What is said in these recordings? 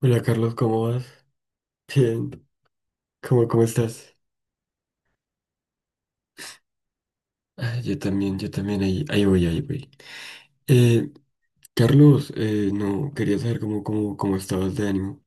Hola, Carlos, ¿cómo vas? Bien, ¿cómo estás? Ah, yo también, ahí voy. Eh, Carlos, no, quería saber cómo estabas de ánimo.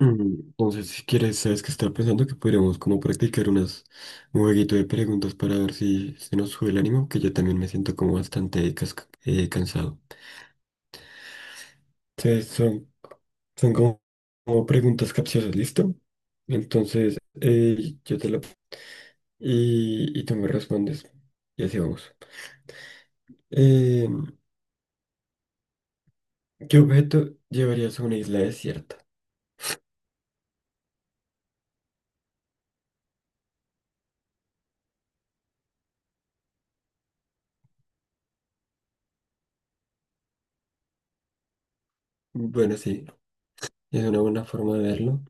Mm, entonces, si quieres, sabes que estaba pensando que podríamos como practicar un jueguito de preguntas para ver si se nos sube el ánimo, que yo también me siento como bastante cansado. Entonces, son, son como, como preguntas capciosas, ¿listo? Entonces, yo te la... Y tú me respondes, y así vamos. Eh, ¿Qué objeto llevarías a una isla desierta? Bueno, sí, es una buena forma de verlo.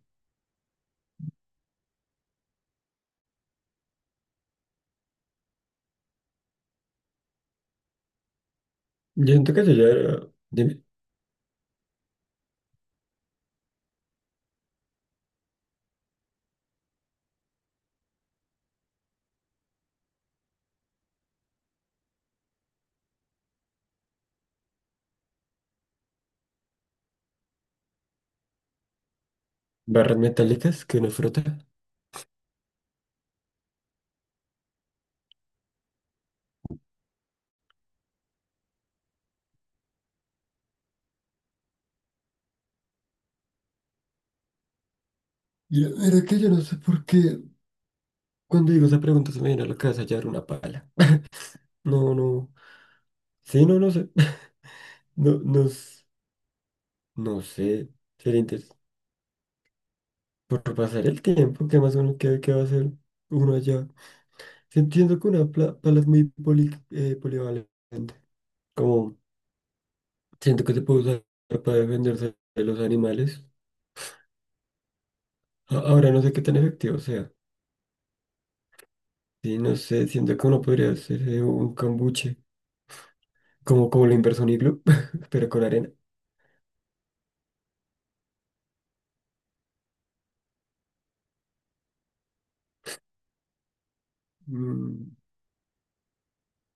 Yo siento que yo llevaría, dime, barras metálicas que uno frota. Ya, mira que yo no sé por qué. Cuando digo esa pregunta se me viene a la cabeza llevar una pala. No, no. Sí, no, no sé. No, no, no sé. Sería interesante. Por pasar el tiempo, ¿qué más uno qué va a hacer uno allá? Sí, entiendo que una pala es muy polivalente. Como siento que se puede usar para defenderse de los animales. Ahora no sé qué tan efectivo sea. Sí, no sé, siento que uno podría hacer un cambuche, como, como la inversión iglú, pero con arena. Mm,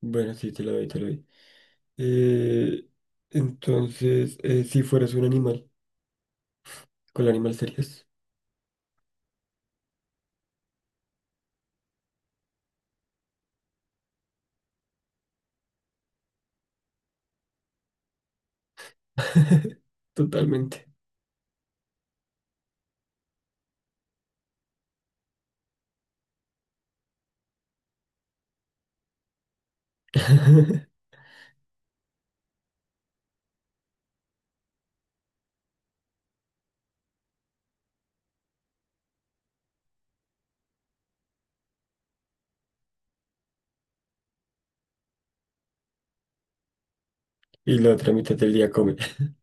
bueno, sí, te lo doy, te lo doy. Eh, entonces, si fueras un animal, ¿cuál animal serías? Totalmente. Y la otra mitad del día come.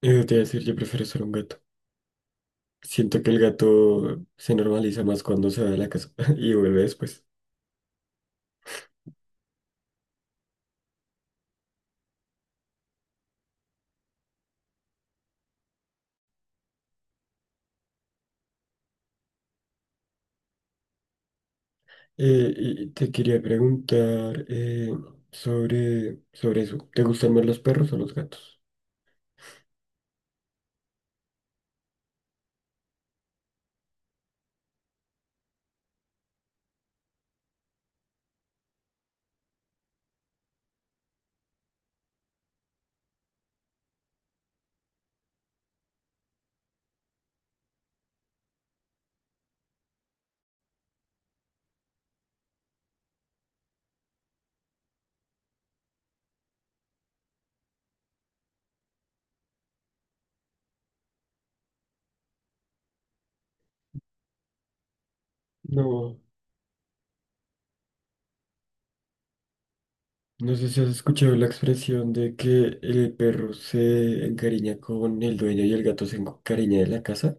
Eso te iba a decir, yo prefiero ser un gato. Siento que el gato se normaliza más cuando se va de la casa y vuelve después. Y te quería preguntar sobre, sobre eso. ¿Te gustan más los perros o los gatos? No, no sé si has escuchado la expresión de que el perro se encariña con el dueño y el gato se encariña de la casa.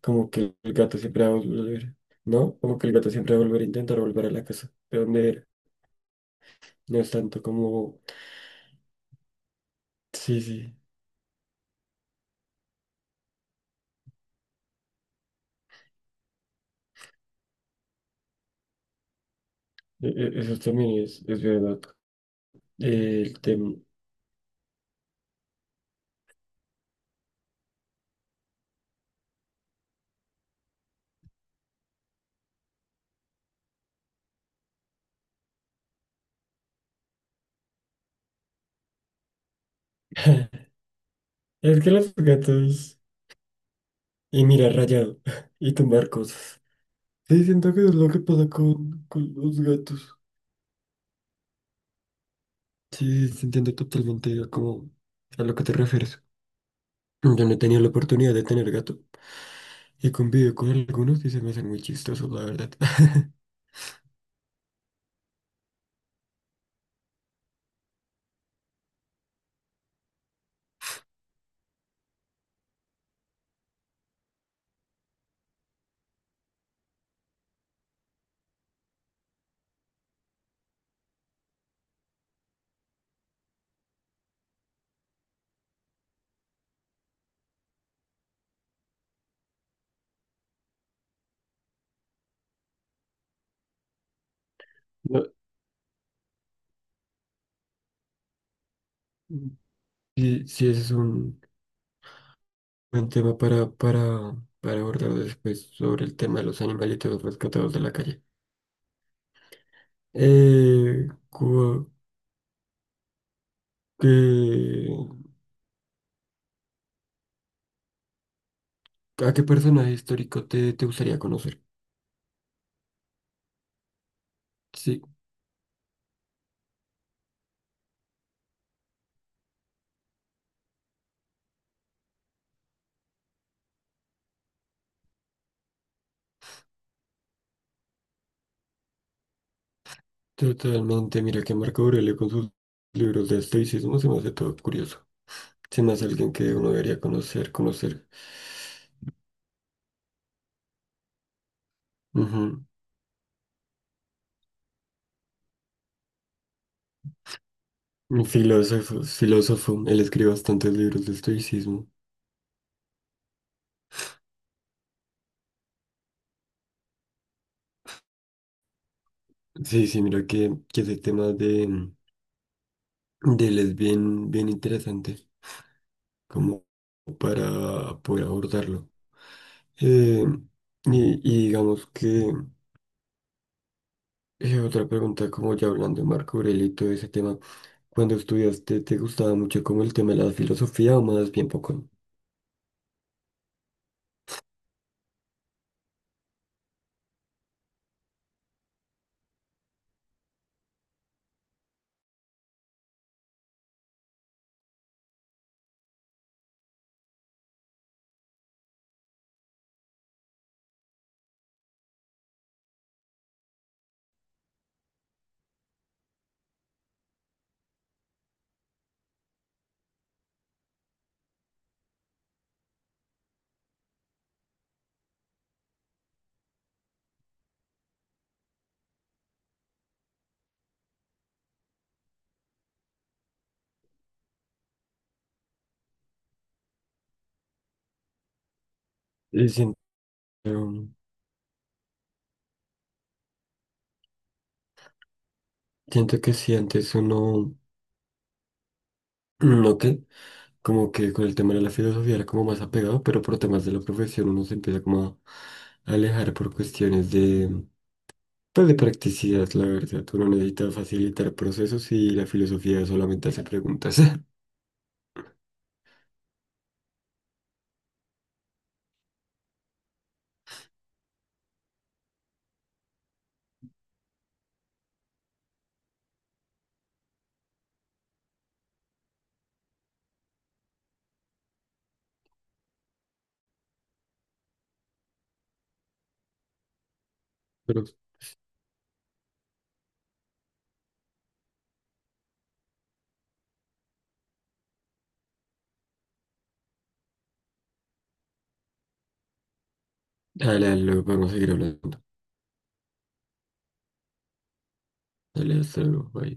Como que el gato siempre va a volver, ¿no? Como que el gato siempre va a volver a intentar volver a la casa de donde era. No es tanto como... Sí, sí, eso también es verdad. El tema... Es que los gatos... y mirar rayado y tumbar cosas. Sí, siento que es lo que pasa con los gatos. Sí, sí, entiendo totalmente a, a lo que te refieres. Yo no he tenido la oportunidad de tener gato y convivo con algunos y se me hacen muy chistosos, la verdad. No, sí, sí, ese es un buen tema para abordar después sobre el tema de los animalitos rescatados de la calle. Eh, cu- que- ¿A qué personaje histórico te gustaría conocer? Sí. Totalmente, mira que Marco Aurelio con sus libros de estoicismo se me hace todo curioso. Se me hace alguien que uno debería conocer. Ujú. Un filósofo, filósofo, él escribe bastantes libros de estoicismo. Sí, sí, mira que ese tema de él es bien, bien interesante, como para poder abordarlo. Eh, y, y digamos que otra pregunta, como ya hablando de Marco Aurelio y todo ese tema. Cuando estudiaste, ¿te gustaba mucho como el tema de la filosofía o más bien poco? Y siento, siento que si antes uno, no qué? Como que con el tema de la filosofía era como más apegado, pero por temas de la profesión uno se empieza como a alejar por cuestiones de, pues de practicidad, la verdad. Uno necesita facilitar procesos y la filosofía solamente hace preguntas. Pero, dale, dale, luego vamos a seguir hablando. Dale, hasta luego, bye.